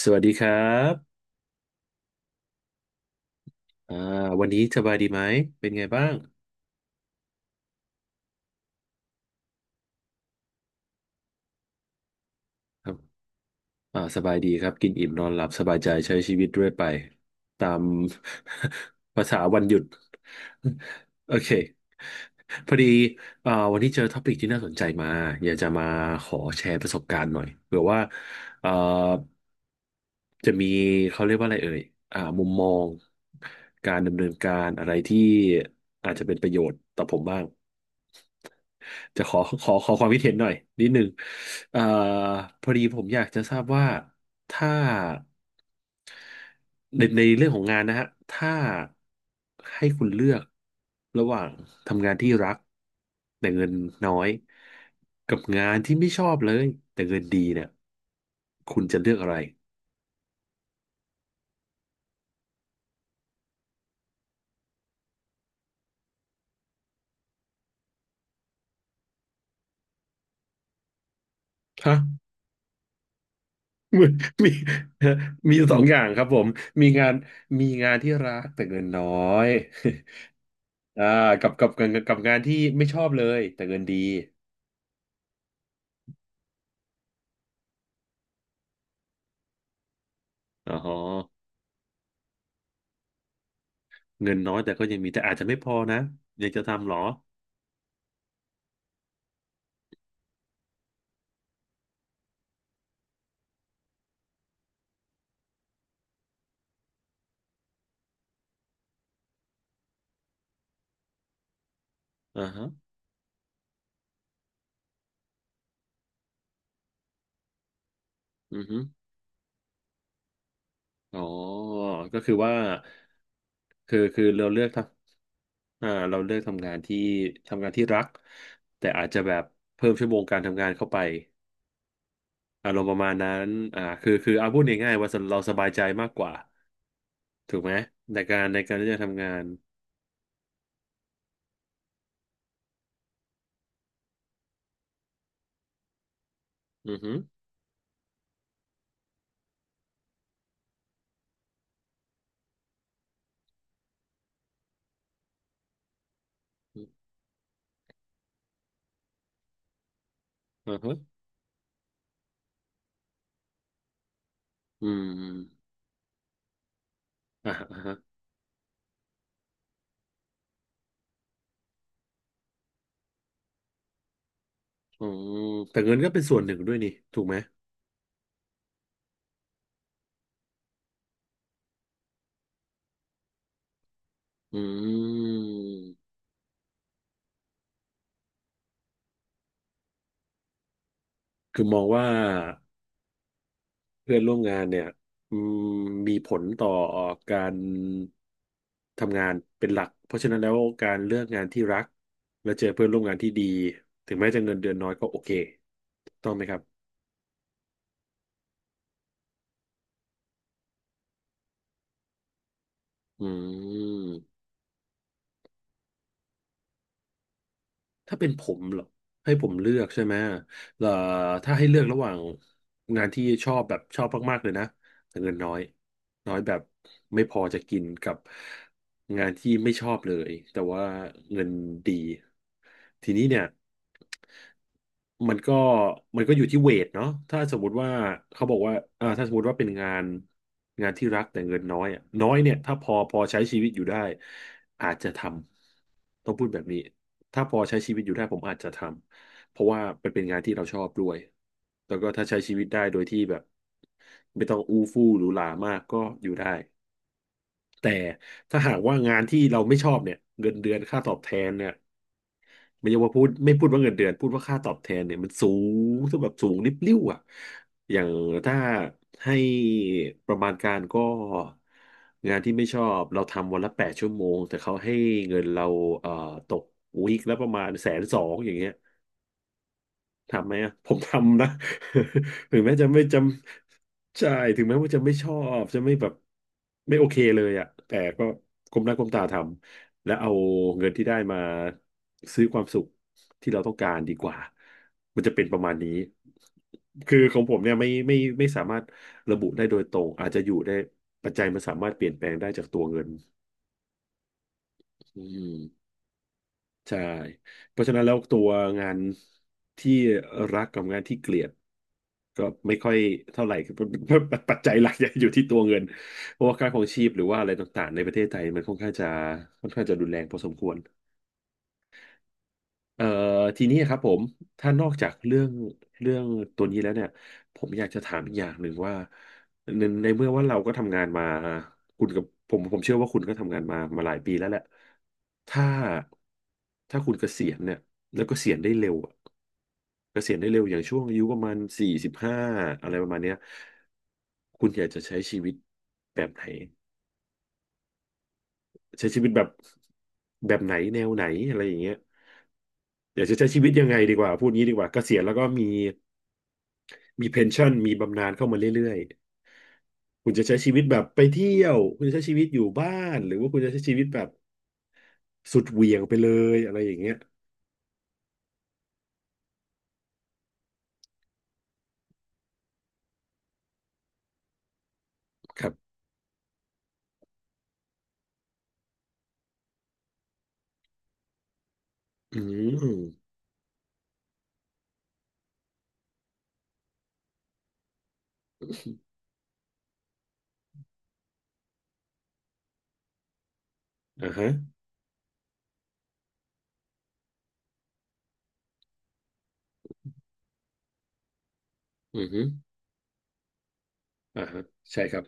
สวัสดีครับอ่าวันนี้สบายดีไหมเป็นไงบ้างครับสบายดีครับ กินอิ่มนอนหลับสบายใจใช้ชีวิตด้วยไปตาม ภาษาวันหยุด โอเคพอดีวันนี้เจอท็อปิกที่น่าสนใจมาอยากจะมาขอแชร์ประสบการณ์หน่อยเผื่อว่าอ่าจะมีเขาเรียกว่าอะไรเอ่ยมุมมองการดำเนินการอะไรที่อาจจะเป็นประโยชน์ต่อผมบ้าง จะขอความคิดเห็นหน่อยนิดนึงเอ่อพอดีผมอยากจะทราบว่าถ้าในเรื่องของงานนะฮะถ้าให้คุณเลือกระหว่างทำงานที่รักแต่เงินน้อยกับงานที่ไม่ชอบเลยแต่เงินดีเนี่ยคุณจะเลือกอะไรฮะ มี มีสองอย่างครับผมมีงานมีงานที่รักแต่เงินน้อย อ่ากับงานที่ไม่ชอบเลยแต่เงินดีอ๋อเงินน้อยแต่ก็ยังมีแต่อาจจะไม่พอนะอยากจะทำเหรออ่าฮะอือฮึอ๋อก็คือว่าคือเราเลือกทำเราเลือกทำงานที่ทำงานที่รักแต่อาจจะแบบเพิ่มชั่วโมงการทำงานเข้าไปอารมณ์ประมาณนั้นคือเอาพูดง่ายๆว่าเราสบายใจมากกว่าถูกไหมในการที่จะทำงานอือฮึอือฮึอืมอมอ่าฮะ อืมแต่เงินก็เป็นส่วนหนึ่งด้วยนี่ถูกไหมอืมคือมองว่าเพื่อนร่วมงานเนี่ยอืมมีผลต่อการทำงานเป็นหลักเพราะฉะนั้นแล้วการเลือกงานที่รักและเจอเพื่อนร่วมงานที่ดีถึงแม้จะเงินเดือนน้อยก็โอเคถูกต้องไหมครับอืม ถ้าเป็นผมเหรอให้ผมเลือกใช่ไหมเอ่อถ้าให้เลือกระหว่างงานที่ชอบแบบชอบมากๆเลยนะแต่เงินน้อยน้อยแบบไม่พอจะกินกับ งานที่ไม่ชอบเลยแต่ว่าเงินดีทีนี้เนี่ยมันก็มันก็อยู่ที่เวทเนาะถ้าสมมุติว่าเขาบอกว่าถ้าสมมติว่าเป็นงานงานที่รักแต่เงินน้อยอะน้อยเนี่ยถ้าพอใช้ชีวิตอยู่ได้อาจจะทำต้องพูดแบบนี้ถ้าพอใช้ชีวิตอยู่ได้ผมอาจจะทำเพราะว่ามันเป็นงานที่เราชอบด้วยแล้วก็ถ้าใช้ชีวิตได้โดยที่แบบไม่ต้องอู้ฟู่หรูหรามากก็อยู่ได้ แต่ถ้าหากว่างานที่เราไม่ชอบเนี่ยเงินเดือนค่าตอบแทนเนี่ยไม่ใช่ว่าพูดว่าเงินเดือนพูดว่าค่าตอบแทนเนี่ยมันสูงถ้าแบบสูงริบลิ่วอ่ะอย่างถ้าให้ประมาณการก็งานที่ไม่ชอบเราทำวันละ8 ชั่วโมงแต่เขาให้เงินเราเอ่อตกวีคละประมาณแสนสองอย่างเงี้ย ทำไหมอ่ะผมทำนะ ถึงแม้จะไม่จำใช่ถึงแม้ว่าจะไม่ชอบจะไม่แบบไม่โอเคเลยอ่ะแต่ก็ก้มหน้าก้มตาทำและเอาเงินที่ได้มาซื้อความสุขที่เราต้องการดีกว่ามันจะเป็นประมาณนี้คือของผมเนี่ยไม่สามารถระบุได้โดยตรงอาจจะอยู่ได้ปัจจัยมันสามารถเปลี่ยนแปลงได้จากตัวเงินอืม ใช่เพราะฉะนั้นแล้วตัวงานที่รักกับงานที่เกลียดก็ไม่ค่อยเท่าไหร่คือ ปัจจัยหลักยังอยู่ที่ตัวเงินเพราะว่าค่าครองชีพหรือว่าอะไรต่างๆในประเทศไทยมันค่อนข้างจะรุนแรงพอสมควร เอ่อทีนี้ครับผมถ้านอกจากเรื่องเรื่องตัวนี้แล้วเนี่ยผมอยากจะถามอีกอย่างหนึ่งว่าในเมื่อว่าเราก็ทำงานมาคุณกับผมเชื่อว่าคุณก็ทำงานมาหลายปีแล้วแหละถ้าถ้าคุณเกษียณเนี่ยแล้วเกษียณได้เร็วอะเกษียณได้เร็วอย่างช่วงอายุประมาณ45อะไรประมาณเนี้ยคุณอยากจะใช้ชีวิตแบบไหนใช้ชีวิตแบบแบบไหนแนวไหนอะไรอย่างเงี้ย อยากจะใช้ชีวิตยังไงดีกว่าพูดงี้ดีกว่าเกษียณแล้วก็มีมีเพนชั่นมีบำนาญเข้ามาเรื่อยๆคุณจะใช้ชีวิตแบบไปเที่ยวคุณจะใช้ชีวิตอยู่บ้านหรือว่าคุณจะใช้ชีวิตแบบสุดเหวี่ยงไปเลยอะไรอย่างเงี้ยครับอืมอ่าฮะอืมอ่าฮะใช่ครับ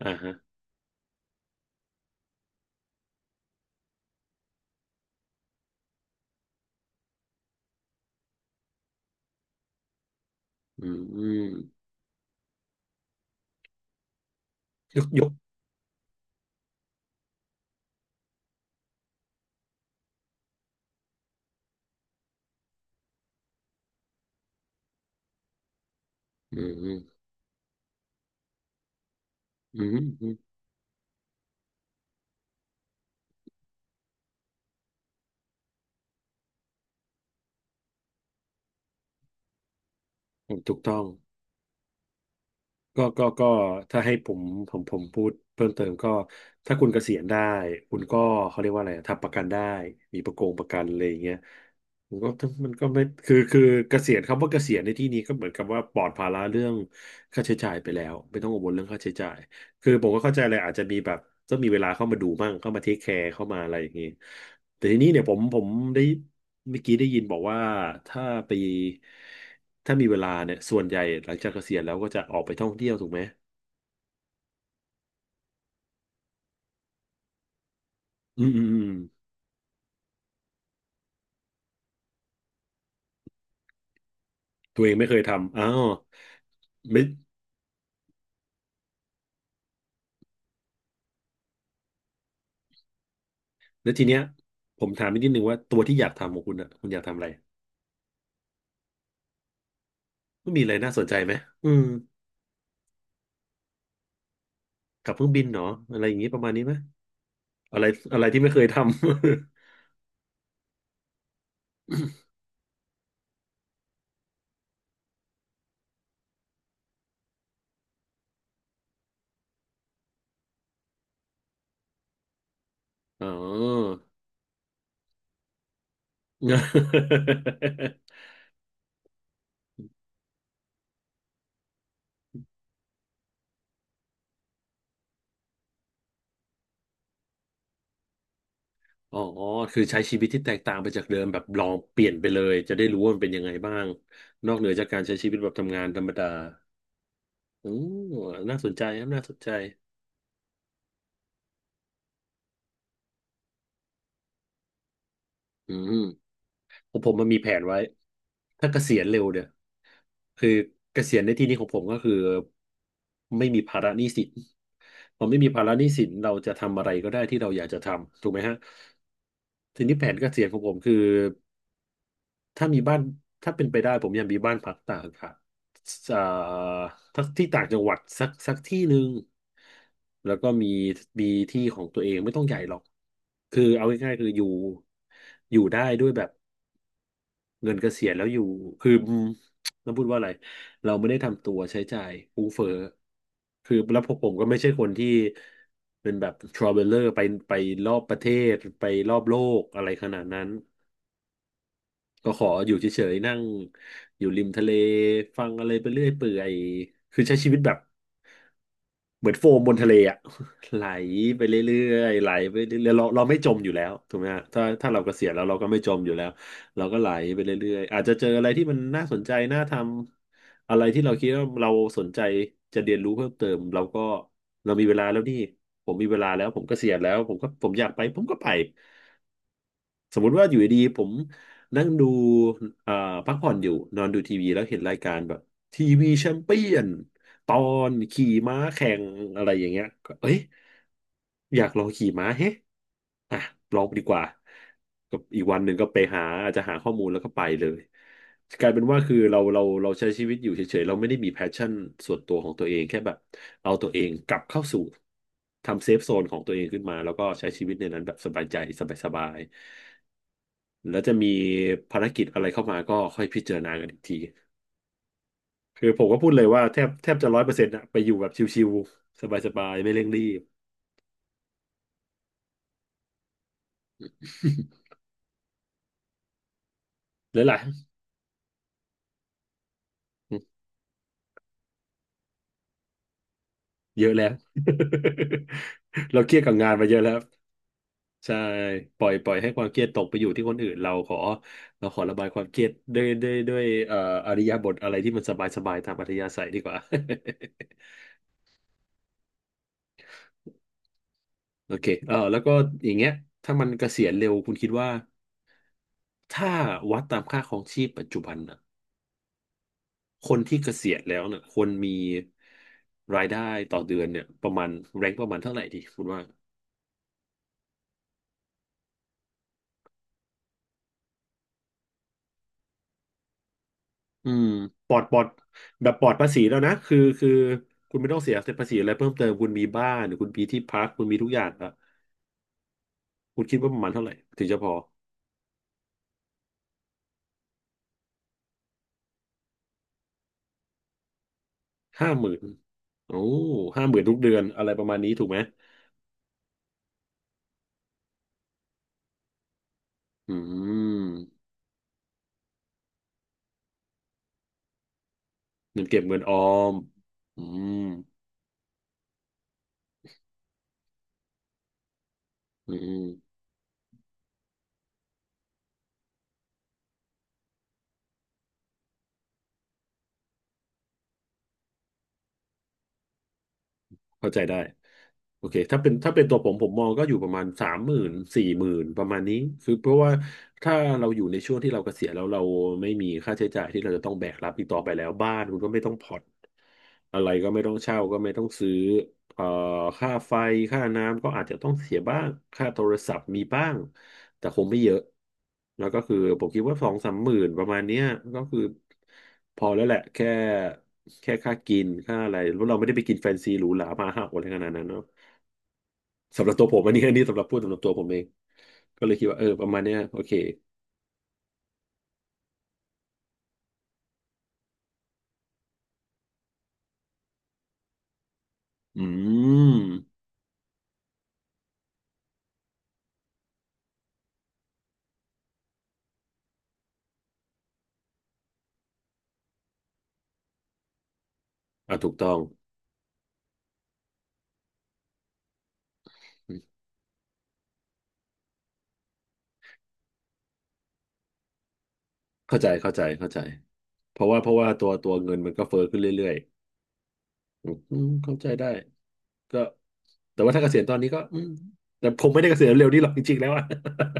อ่าฮะอืมยกยกอืมอืมอืมถูกต้อง ก็ถ้าให้ผมผมพูดเพิ่มเติมก็ถ้าคุณเกษียณได้ คุณก็เขาเรียกว่าอะไรทำประกันได้มีประกันอะไรอย่างเงี้ยมันก็ไม่คือเกษียณคำว่าเกษียณในที่นี้ก็เหมือนกับว่าปลอดภาระเรื่องค่าใช้จ่ายไปแล้วไม่ต้องกังวลเรื่องค่าใช้จ่ายคือผมก็เข้าใจเลยอาจจะมีแบบต้องมีเวลาเข้ามาดูบ้างเข้ามาเทคแคร์เข้ามาอะไรอย่างงี้แต่ทีนี้เนี่ยผมได้ เมื่อกี้ได้ยินบอกว่าถ้าไปถ้ามีเวลาเนี่ยส่วนใหญ่หลังจากเกษียณแล้วก็จะออกไปท่องเที่ยวถูกไหมอืมอืมอืมตัวเองไม่เคยทำอ้าวไม่แล้วทีเนี้ยผมถามอีกนิดนึงว่าตัวที่อยากทำของคุณอ่ะคุณอยากทำอะไรไม่มีอะไรน่าสนใจไหมอืมกับเครื่องบินเหรออะไรอย่างงี้ประมาณนี้ไหมอะไรอะไรที่ไม่เคยทำ อ๋อ อ๋อคือใช้ชีวิตที่แตกต่างไปจากเดิมแบบลองเปลี่ยนไปเลยจะได้รู้ว่ามันเป็นยังไงบ้างนอกเหนือจากการใช้ชีวิตแบบทำงานธรรมดาอืมน่าสนใจครับน่าสนใจอืมผมมันมีแผนไว้ถ้าเกษียณเร็วเนี่ยคือเกษียณในที่นี้ของผมก็คือไม่มีภาระหนี้สินพอไม่มีภาระหนี้สินเราจะทำอะไรก็ได้ที่เราอยากจะทำถูกไหมฮะทีนี้แผนเกษียณของผมคือ ถ้ามีบ้านถ้าเป็นไปได้ผมอยากมีบ้านพักตากอากาศอ่าทักที่ต่างจังหวัดสักที่หนึ่งแล้วก็มีที่ของตัวเองไม่ต้องใหญ่หรอกคือเอาง่ายๆคืออยู่ได้ด้วยแบบเงินเกษียณแล้วอยู่คือเราพูดว่าอะไรเราไม่ได้ทำตัวใช้จ่ายฟุ่มเฟือยคือแล้วพวกผมก็ไม่ใช่คนที่เป็นแบบทราเวลเลอร์ไปรอบประเทศไปรอบโลกอะไรขนาดนั้น ก็ขออยู่เฉยๆนั่งอยู่ริมทะเลฟังอะไรไปเรื่อยเปื่อยคือใช้ชีวิตแบบเหมือนโฟมบนทะเลอะ ไหลไปเรื่อยๆไหลไปเรื่อยๆเราไม่จมอยู่แล้วถูกไหมฮะถ้าเราเกษียณแล้วเราก็ไม่จมอยู่แล้วเราก็ไหลไปเรื่อยๆอาจจะเจออะไรที่มันน่าสนใจน่าทำอะไรที่เราคิดว่าเราสนใจจะเรียนรู้เพิ่มเติมเรามีเวลาแล้วนี่ผมมีเวลาแล้วผมเกษียณแล้วผมอยากไปผมก็ไป สมมุติว่าอยู่ดีๆผมนั่งดูเอ่อพักผ่อนอยู่นอนดูทีวีแล้วเห็นรายการแบบทีวีแชมเปี้ยนตอนขี่ม้าแข่งอะไรอย่างเงี้ยก็เอ้ยอยากลองขี่ม้าเฮ้อ่ะลองดีกว่าก็อีกวันหนึ่งก็ไปหาอาจจะหาข้อมูลแล้วก็ไปเลยกลายเป็นว่าคือเราใช้ชีวิตอยู่เฉยๆเราไม่ได้มีแพชชั่นส่วนตัวของตัวเองแค่แบบเอาตัวเองกลับเข้าสู่ทำเซฟโซนของตัวเองขึ้นมาแล้วก็ใช้ชีวิตในนั้นแบบสบายใจสบายๆ แล้วจะมีภารกิจอะไรเข้ามาก็ค่อยพิจารณากันอีกทีคือผมก็พูดเลยว่าแทบจะร้อยเปอร์เซ็นต์อะไปอยู่แบบชิวๆสบายๆไม่เร่งรีบ แล้วล่ะเยอะแล้ว เราเครียดกับงานมาเยอะแล้วใช่ปล่อยให้ความเครียดตกไปอยู่ที่คนอื่นเราขอเราขอระบายความเครียดด้วยอริยบทอะไรที่มันสบายสบายตามอัธยาศัยดีกว่า โอเคเออแล้วก็อย่างเงี้ยถ้ามันเกษียณเร็วคุณคิดว่าถ้าวัดตามค่าครองชีพปัจจุบันอะ คนที่เกษียณแล้วเนี่ยควรมีรายได้ต่อเดือนเนี่ยประมาณแรงประมาณเท่าไหร่ดีคุณว่าอืมปลอดแบบปลอดภาษีแล้วนะคือคุณไม่ต้องเสียภาษีอะไรเพิ่มเติมคุณมีบ้านหรือคุณมีที่พักคุณมีทุกอย่างแล้วคุณคิดว่าประมาณเท่าไหร่ถึงจะพอห้าหมื่นโอ้ห้าหมื่นทุกเดือนอะไรประมาณนี้ถูกไหมอืมเงินเก็บเงินออมอืมอืม เข้าใจได้โอเคถ้าเป็นตัวผมผมมองก็อยู่ประมาณสามหมื่นสี่หมื่นประมาณนี้คือเพราะว่าถ้าเราอยู่ในช่วงที่เราเกษียณแล้วเราไม่มีค่าใช้จ่ายที่เราจะต้องแบกรับอีกต่อไปแล้วบ้านคุณก็ไม่ต้องผ่อนอะไรก็ไม่ต้องเช่าก็ไม่ต้องซื้อ เอ่อค่าไฟค่าน้ำก็อาจจะต้องเสียบ้าง ค่าโทรศัพท์มีบ้าง แต่คงไม่เยอะ แล้วก็คือผมคิดว่าสองสามหมื่นประมาณเนี้ยก็คือพอแล้วแหละแค่ค่ากินค่าอะไรเพราะเราไม่ได้ไปกินแฟนซีหรูหรามาห้าโออะไรขนาดนั้นเนาะสำหรับตัวผมอันนี้ อันนี้สำหรับพูดสำหรับตัวผมเองก็เลยคิดว่าเออประมาณเนี้ยโอเคอืมอ่ะถูกต้องเข้าใจเพราะว่าตัวเงินมันก็เฟ้อขึ้นเรื่อยๆอืมเข้าใจได้ก็ แต่ว่าถ้าเกษียณตอนนี้ก็อืมแต่ผมไม่ได้เกษียณเร็วนี่หรอกจริงๆแล้วอะ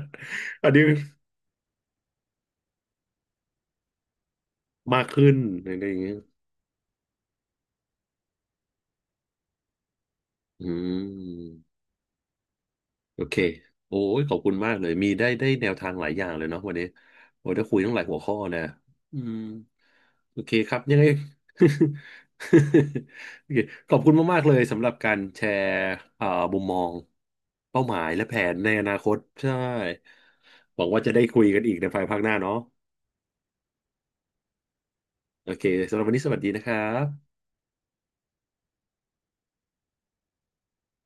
อันนี้มากขึ้นอะไรอย่างเงี้ยอืมโอเคโอ้ยขอบคุณมากเลยมีได้แนวทางหลายอย่างเลยเนาะวันนี้โอ้ยได้คุยตั้งหลายหัวข้อนะอืมโอเคครับยังไง โอเคขอบคุณมากๆเลยสำหรับการแชร์เอ่อมุมมองเป้าหมายและแผนในอนาคตใช่หวังว่าจะได้คุยกันอีกในภายภาคหน้าเนาะโอเคสำหรับวันนี้สวัสดีนะครับ